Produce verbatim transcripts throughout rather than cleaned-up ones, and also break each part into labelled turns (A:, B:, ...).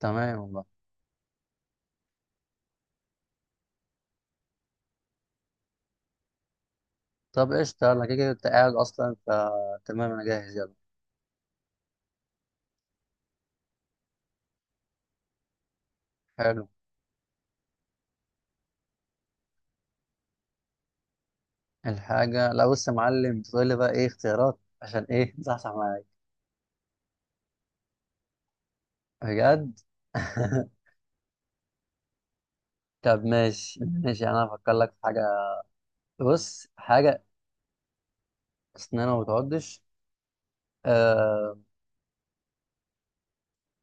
A: تمام والله. طب قشطة، انا كده كده انت قاعد اصلا، فتمام انا جاهز، يلا. حلو. الحاجة لا، بص يا معلم، تقول لي بقى ايه اختيارات عشان ايه تصحصح معايا. بجد؟ طب ماشي ماشي، انا هفكر لك في حاجة. بص، حاجة. اسنانها ما بتعضش. آه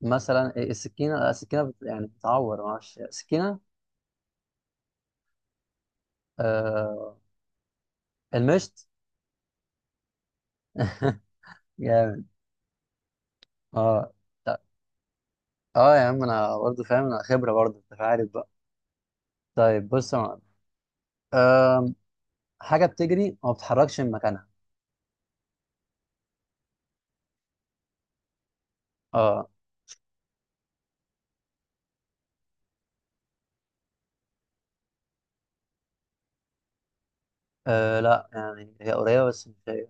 A: مثلا إيه؟ السكينة؟ لا، السكينة بت... يعني بتعور، معرفش السكينة. آه المشط. جامد. اه. ط- اه، يا عم انا برضه فاهم، انا خبرة برضه، انت عارف بقى. طيب، بص يا معلم. آه، حاجة بتجري وما بتتحركش من مكانها. اه. آه، لا، يعني هي قريبة بس مش هي.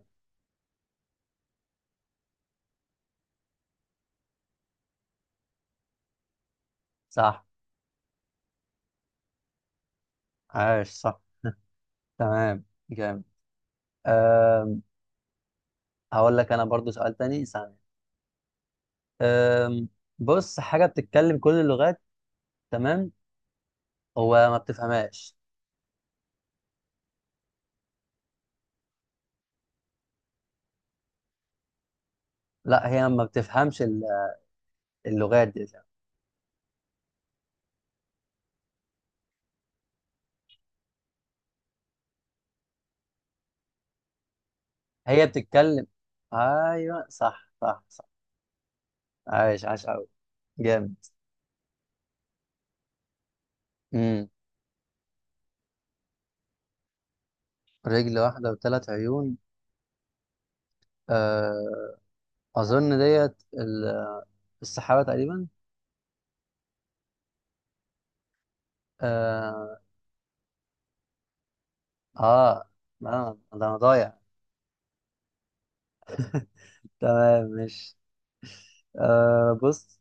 A: صح، عاش، صح. تمام. جامد. آم، هقول لك انا برضو سؤال تاني، ثانية. آم، بص، حاجة بتتكلم كل اللغات. تمام. هو ما بتفهمهاش. لا، هي ما بتفهمش ال- اللغات دي. هي بتتكلم. ايوه، صح صح صح. عاش، عاش قوي. جامد. امم رجل واحدة وثلاث عيون. آه، اظن ديت ال- السحابة تقريبا. آه آه آه ده أنا ضايع. تمام، مش آه بص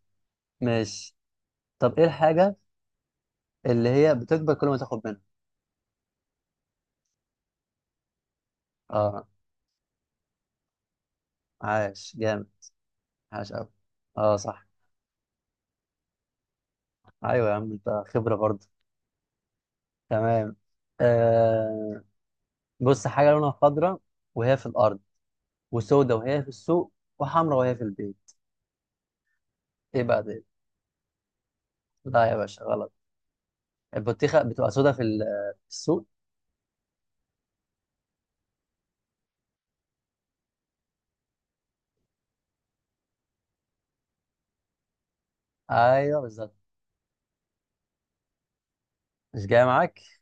A: مش طب، إيه الحاجة اللي هي بتكبر كل ما تاخد منها؟ آه عاش، جامد، عاش أوي. آه، صح. أيوة يا عم أنت خبرة برضه. تمام. آه بص، حاجة لونها خضرا وهي في الأرض، وسودة وهي في السوق، وحمرا وهي في البيت. إيه بقى ده؟ لا يا باشا، غلط. البطيخة بتبقى سودة في ال- في السوق. أيوة بالظبط. مش جاية معاك؟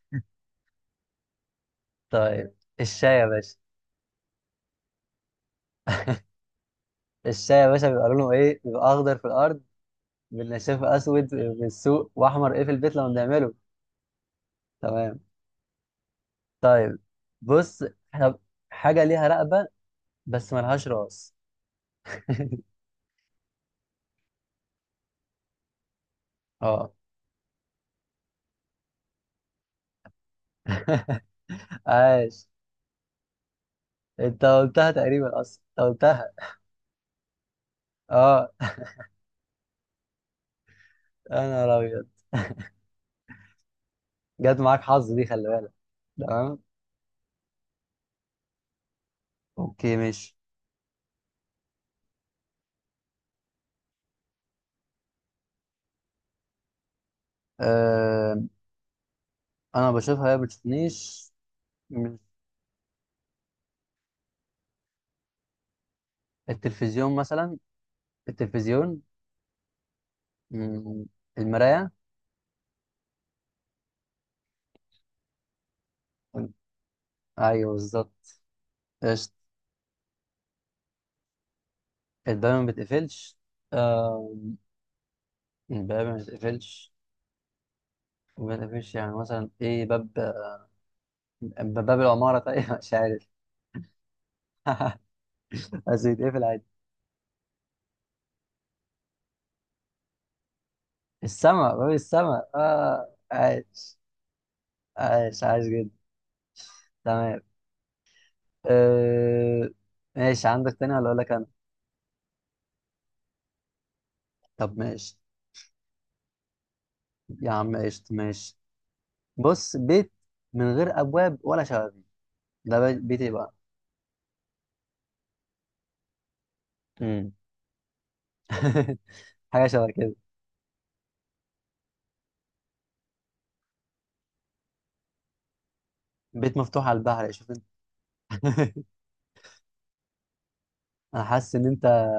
A: طيب، الشاي يا باشا. الشاي يا باشا بيبقى لونه ايه؟ بيبقى اخضر في الارض، بالنشافه اسود في السوق، واحمر ايه في البيت لما بنعمله. تمام. طيب، بص. طب، حاجه ليها رقبه بس ملهاش راس. اه. عاش. انت قلتها تقريبا، اصلا انت قلتها. اه، انا ابيض. جت معاك حظ دي، خلي بالك. تمام. اوكي ماشي. آه انا بشوفها، هي ما بتشوفنيش. م- التلفزيون مثلا. التلفزيون. م- المرايه. ايوه بالظبط. قشطة. الباب ما بيتقفلش. آه. الباب ما بيتقفلش، ما بيتقفلش يعني مثلا ايه باب؟ باب باب العمارة؟ طيب مش عارف. بس بيتقفل عادي. السما، باب السما، اه عايش. عايش، عايش جدا. تمام. آه ماشي، عندك تاني ولا اقول لك انا؟ طب ماشي. يا عم قشطة، ماشي. بص، بيت من غير ابواب ولا شبابيك، ده بي- بيت ايه بقى؟ مم. حاجة شبه كده. بيت مفتوح على البحر، شوف انت. انا حاسس ان انت.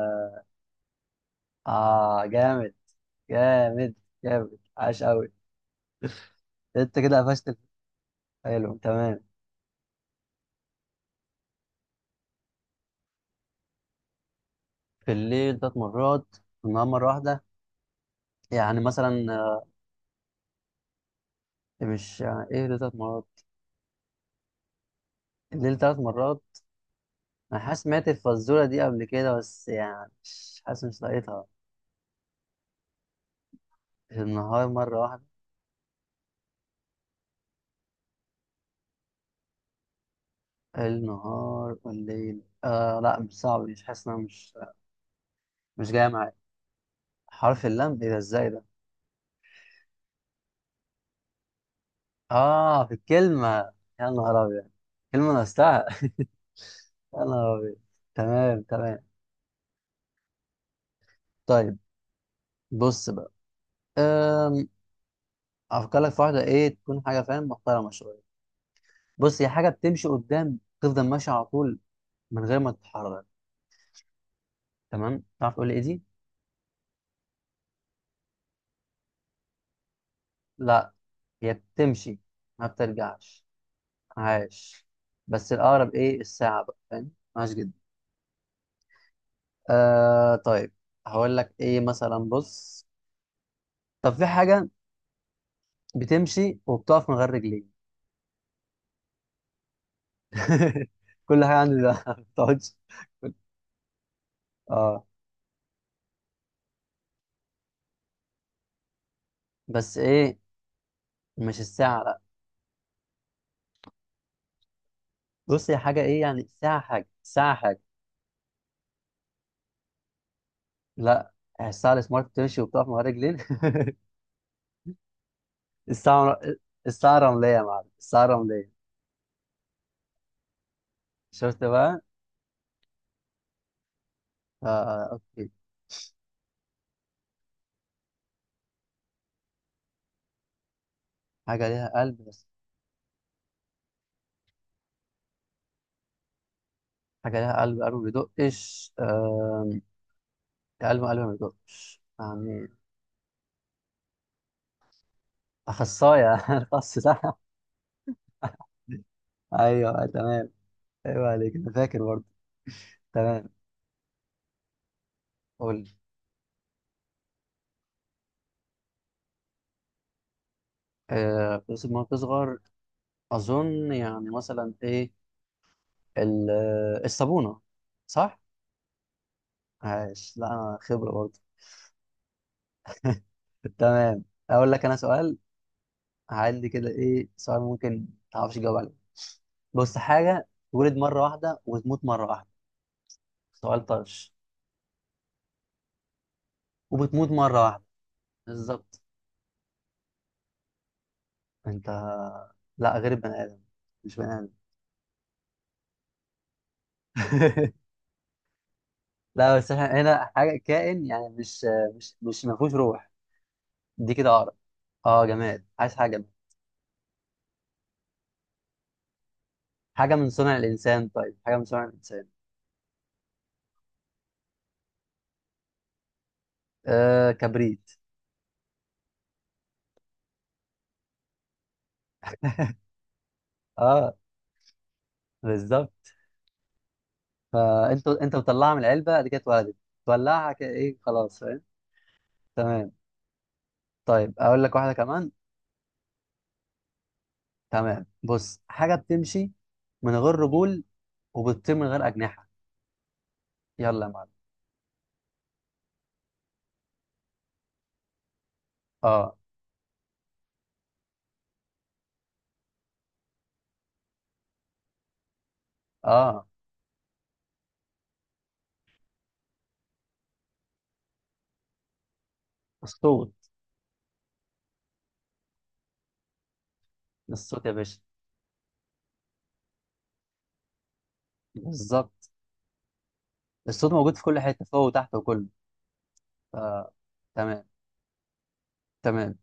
A: اه جامد، جامد، جامد. عاش قوي. انت كده قفشت الف- حلو، تمام. في الليل ثلاث مرات، في النهار مره واحده. يعني مثلا آه، مش، يعني ايه الليل ثلاث مرات؟ الليل ثلاث مرات؟ انا حاسس سمعت الفزوره دي قبل كده، بس يعني مش حاسس، مش لاقيتها. النهار مره واحده. النهار والليل، آه لا، مش صعب، مش حاسس ان انا مش مش جاي معايا. حرف اللام، ايه ده؟ ازاي ده؟ اه، في الكلمه. يا نهار ابيض! كلمه نفسها. يا نهار ابيض! تمام، تمام. طيب، بص بقى. أم... افكر لك في واحده، ايه تكون حاجه، فاهم، محترمه شويه. بص، هي حاجه بتمشي قدام، تفضل ماشيه على طول من غير ما تتحرك. تمام، تعرف تقول لي ايه دي؟ لا، هي بتمشي، ما بترجعش. عاش. بس الاقرب ايه؟ الساعه بقى، فاهم؟ عاش جدا. أه... طيب، هقول لك ايه مثلا، بص. طب في حاجه بتمشي وبتقف من غير رجلين. كل حاجه عندي ده ما بتقعدش. اه، بس ايه، مش الساعه، لا. بص، هي حاجه ايه؟ يعني ساعه حاجه، ساعه حاجه. لا، الساعه السمارت تمشي وبتقف من غير رجلين. الساعه الساعه رمليه يا معلم، الساعه رمليه. شفت بقى؟ آه آه، اوكي. حاجه ليها قلب بس. حاجه ليها قلب قلب ما بيدقش. آم، قلب قلب ما بيدقش يعني. اخصائي اخص، صح. ايوه، أيوه، تمام. ايوه عليك، انا فاكر برضه. تمام، قول لي. آه، بس ما بتصغر، اظن يعني مثلا ايه، ال- آه، الصابونه. صح، عايش. لا، انا خبرة برضه. تمام، اقول لك انا سؤال. عندي كده ايه سؤال، ممكن تعرفش تجاوب عليه. بص، حاجة تولد مرة واحدة وتموت مرة واحدة. سؤال طرش. وبتموت مرة واحدة، بالظبط. انت. لا، غير البني ادم، مش بني ادم. لا، بس احنا هنا، حاجة كائن يعني مش مش مش ما فيهوش روح. دي كده عقرب. اه جماد، عايز حاجة جماد. حاجة من صنع الإنسان، طيب حاجة من صنع الإنسان. آه، كبريت. اه، بالظبط. فانت انت بتطلعها من العلبه، قد كده اتولدت. تولعها كده، ايه خلاص، فاهم. تمام. طيب، اقول لك واحده كمان. تمام، بص، حاجه بتمشي من غير رجول وبتطير من غير اجنحه، يلا يا معلم. اه، اه، الصوت. الصوت يا باشا، بالظبط. الصوت موجود في كل حته، فوق وتحت وكله. آه. تمام، تمام،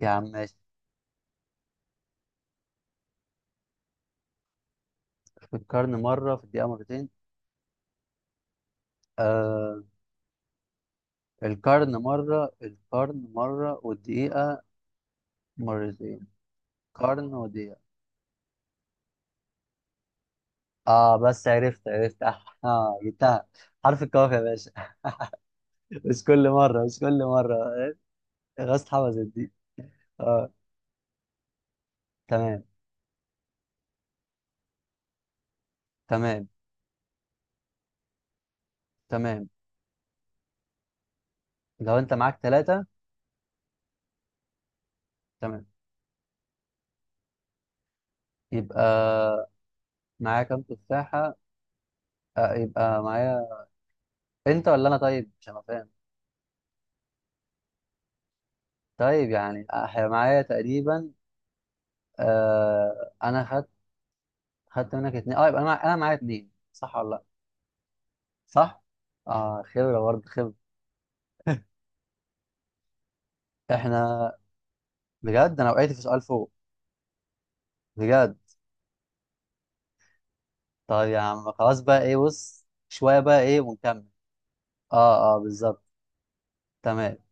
A: يا عم ماشي. في القرن مره، في الدقيقه مرتين. آه. القرن مره، القرن مره، والدقيقه مرتين. قرن ودقيقه. اه، بس عرفت عرفت، اه، آه، جبتها. حرف الكاف يا باشا. مش كل مره، مش كل مره. غصب حفظت دي. اه، تمام، تمام، تمام. لو انت معاك ثلاثه. تمام، يبقى معايا كام تفاحه؟ آه يبقى معايا، انت ولا انا؟ طيب، مش انا فاهم. طيب يعني آه معايا تقريبا. آه انا خدت، خدت منك اتنين، اه، يبقى انا معايا انا معايا اتنين، صح ولا لا؟ صح، اه، خبره برضه، خبره. احنا. بجد، انا وقعت في سؤال فوق. بجد. طيب يا عم، خلاص بقى ايه، بص شوية بقى ايه ونكمل. اه، اه، بالظبط، تمام.